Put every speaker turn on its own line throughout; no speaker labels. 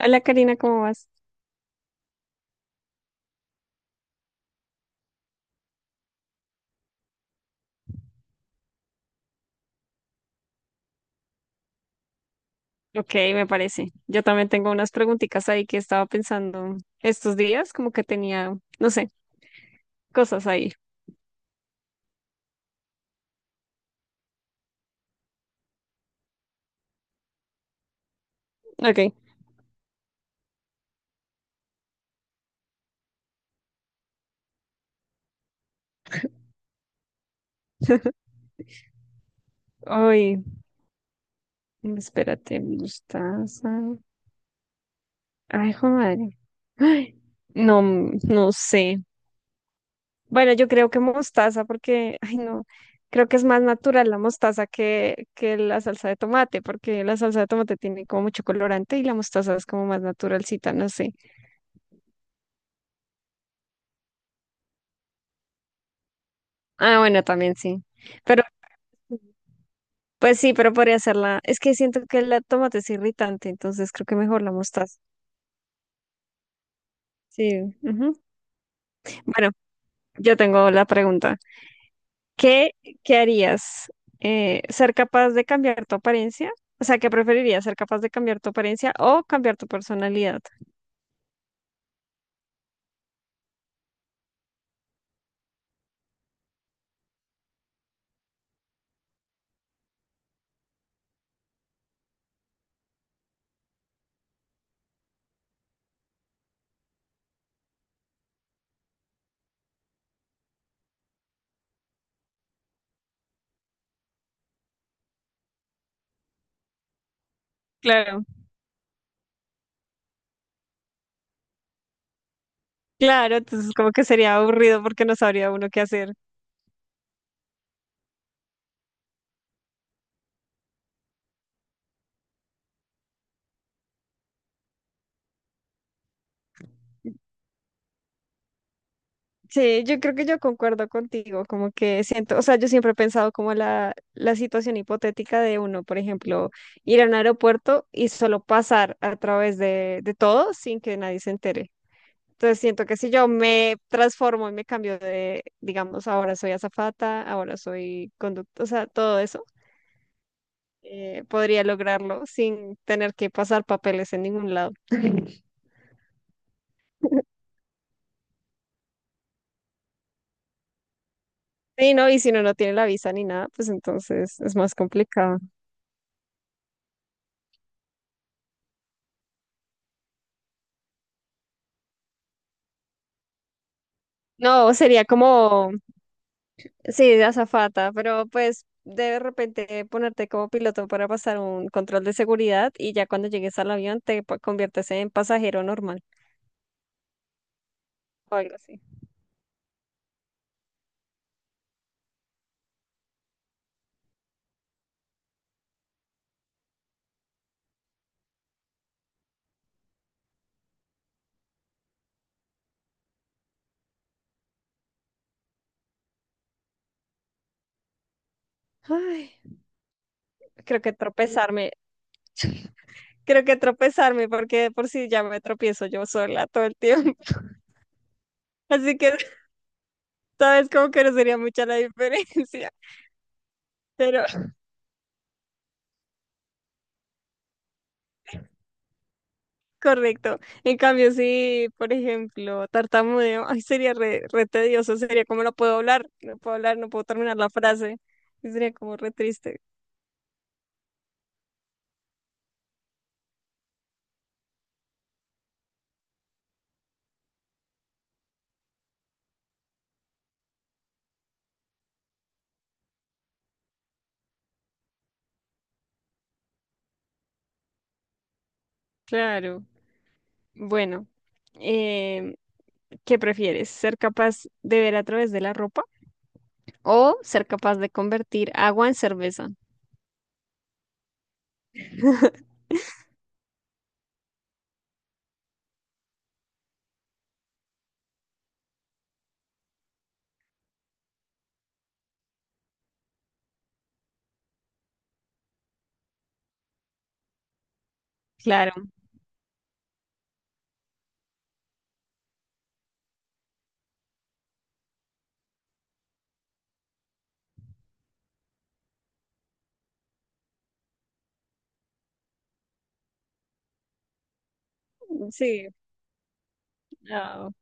Hola Karina, ¿cómo vas? Ok, me parece. Yo también tengo unas preguntitas ahí que estaba pensando estos días, como que tenía, no sé, cosas ahí. Ok. Ay, espérate, mostaza. Ay, joder madre. Ay, no, no sé. Bueno, yo creo que mostaza porque, ay, no, creo que es más natural la mostaza que la salsa de tomate, porque la salsa de tomate tiene como mucho colorante y la mostaza es como más naturalcita, no sé. Ah, bueno, también sí. Pero pues sí, pero podría ser la... Es que siento que la tomate es irritante, entonces creo que mejor la mostaza. Sí, ujú. Bueno, yo tengo la pregunta. ¿Qué, qué harías? ¿ser capaz de cambiar tu apariencia? O sea, ¿qué preferirías? ¿Ser capaz de cambiar tu apariencia o cambiar tu personalidad? Claro, claro, entonces como que sería aburrido porque no sabría uno qué hacer. Sí, yo creo que yo concuerdo contigo, como que siento, o sea, yo siempre he pensado como la situación hipotética de uno, por ejemplo, ir a un aeropuerto y solo pasar a través de todo sin que nadie se entere. Entonces siento que si yo me transformo y me cambio de, digamos, ahora soy azafata, ahora soy conductor, o sea, todo eso, podría lograrlo sin tener que pasar papeles en ningún lado. Sí, no, y si uno no tiene la visa ni nada, pues entonces es más complicado. No, sería como sí, de azafata, pero pues de repente ponerte como piloto para pasar un control de seguridad y ya cuando llegues al avión conviertes en pasajero normal o algo así. Ay, creo que tropezarme, creo que tropezarme porque de por si ya me tropiezo yo sola todo el tiempo, así que sabes como que no sería mucha la diferencia, pero correcto. En cambio, si, por ejemplo, tartamudeo, ay, sería re tedioso, sería como no puedo hablar, no puedo hablar, no puedo terminar la frase, y sería como re triste. Claro. Bueno, em, ¿qué prefieres? ¿Ser capaz de ver a través de la ropa o ser capaz de convertir agua en cerveza? Claro. Sí. No,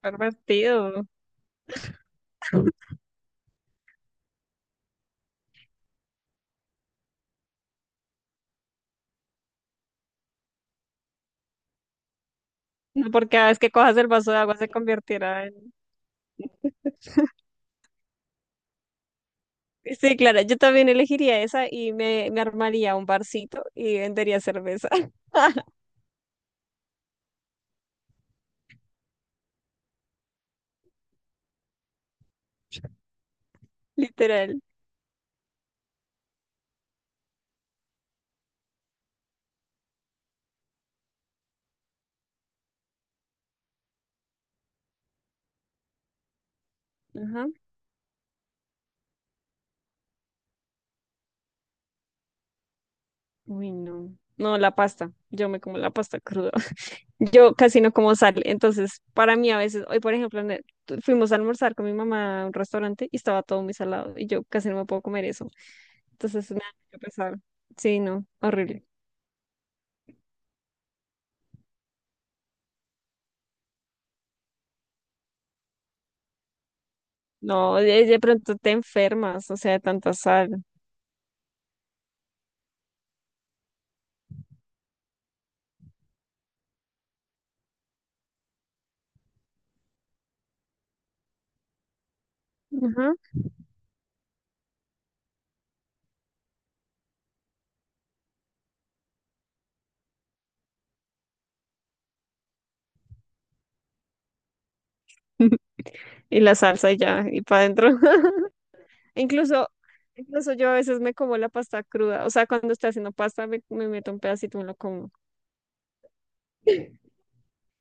pervertido. No, por cada vez que cojas el vaso de agua se convertirá. Sí, claro, yo también elegiría esa y me armaría un barcito y vendería cerveza, literal. Ajá. Uy, no. No, la pasta. Yo me como la pasta cruda. Yo casi no como sal. Entonces, para mí a veces, hoy por ejemplo, fuimos a almorzar con mi mamá a un restaurante y estaba todo muy salado y yo casi no me puedo comer eso. Entonces, me da mucho pesar. Sí, no, horrible. No, de pronto te enfermas, o sea, de tanta sal. Ajá. Y la salsa y ya, y para adentro. Incluso, incluso yo a veces me como la pasta cruda. O sea, cuando estoy haciendo pasta, me meto un pedacito y me lo como.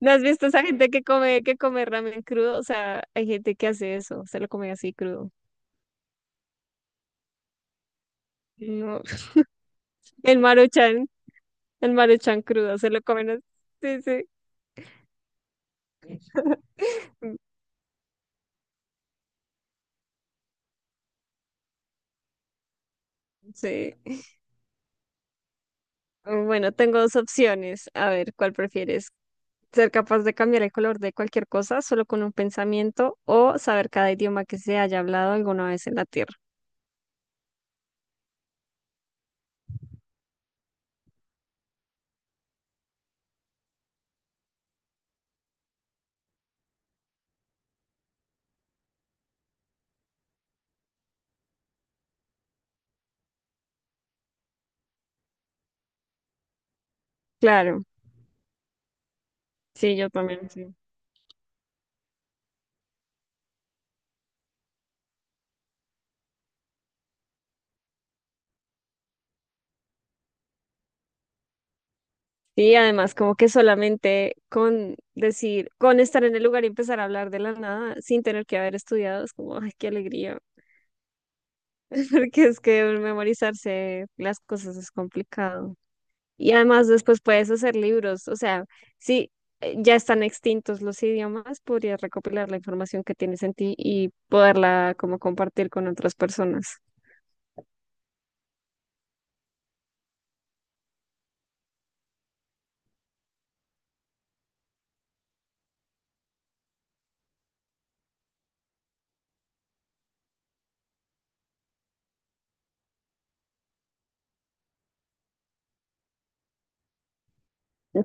¿No has visto esa gente que come ramen crudo? O sea, hay gente que hace eso, se lo come así crudo. No. El Maruchan, el Maruchan crudo, se lo comen así. Sí, sí. Mm, sí. Bueno, tengo dos opciones. A ver, ¿cuál prefieres? ¿Ser capaz de cambiar el color de cualquier cosa solo con un pensamiento o saber cada idioma que se haya hablado alguna vez en la Tierra? Claro, sí, yo también, sí. Sí, además, como que solamente con decir, con estar en el lugar y empezar a hablar de la nada sin tener que haber estudiado, es como, ay, qué alegría, porque es que memorizarse las cosas es complicado. Y además después puedes hacer libros, o sea, si ya están extintos los idiomas, podrías recopilar la información que tienes en ti y poderla como compartir con otras personas.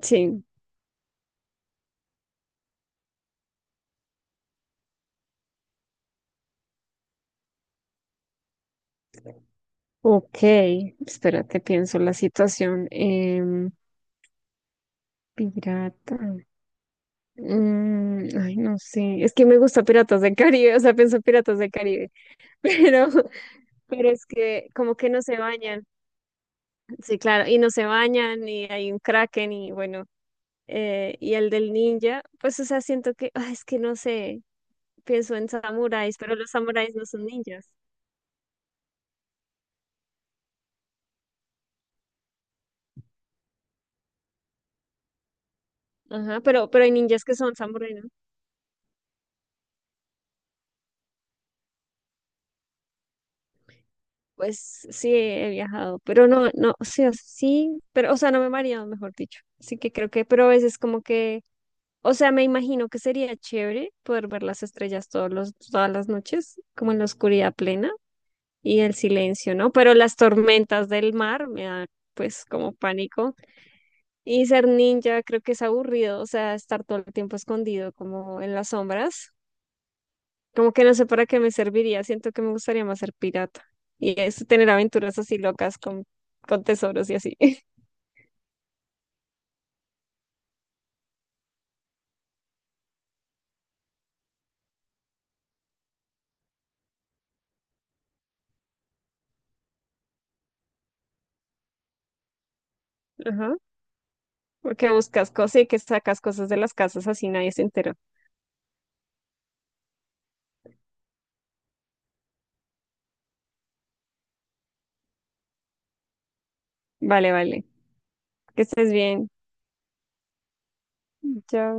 Sí, ok, espérate, pienso la situación. Pirata. Mm, ay, no sé, es que me gusta Piratas del Caribe, o sea, pienso en Piratas del Caribe, pero, pero es que como que no se bañan, sí, claro, y no se bañan, y hay un Kraken, y bueno, y el del ninja, pues, o sea, siento que, ah, es que no sé, pienso en samuráis, pero los samuráis no son ninjas, ajá, pero hay ninjas que son samuráis, ¿no? Pues sí, he viajado, pero no, no, sí, o sea, sí, pero, o sea, no me he mareado, mejor dicho, así que creo que, pero a veces como que o sea, me imagino que sería chévere poder ver las estrellas todas las noches, como en la oscuridad plena y el silencio, ¿no? Pero las tormentas del mar me dan pues como pánico. Y ser ninja creo que es aburrido, o sea, estar todo el tiempo escondido como en las sombras. Como que no sé para qué me serviría, siento que me gustaría más ser pirata. Y es tener aventuras así locas con tesoros y así. Ajá. Porque buscas cosas y que sacas cosas de las casas así nadie se entera. Vale, vale. Que estés bien. Ya,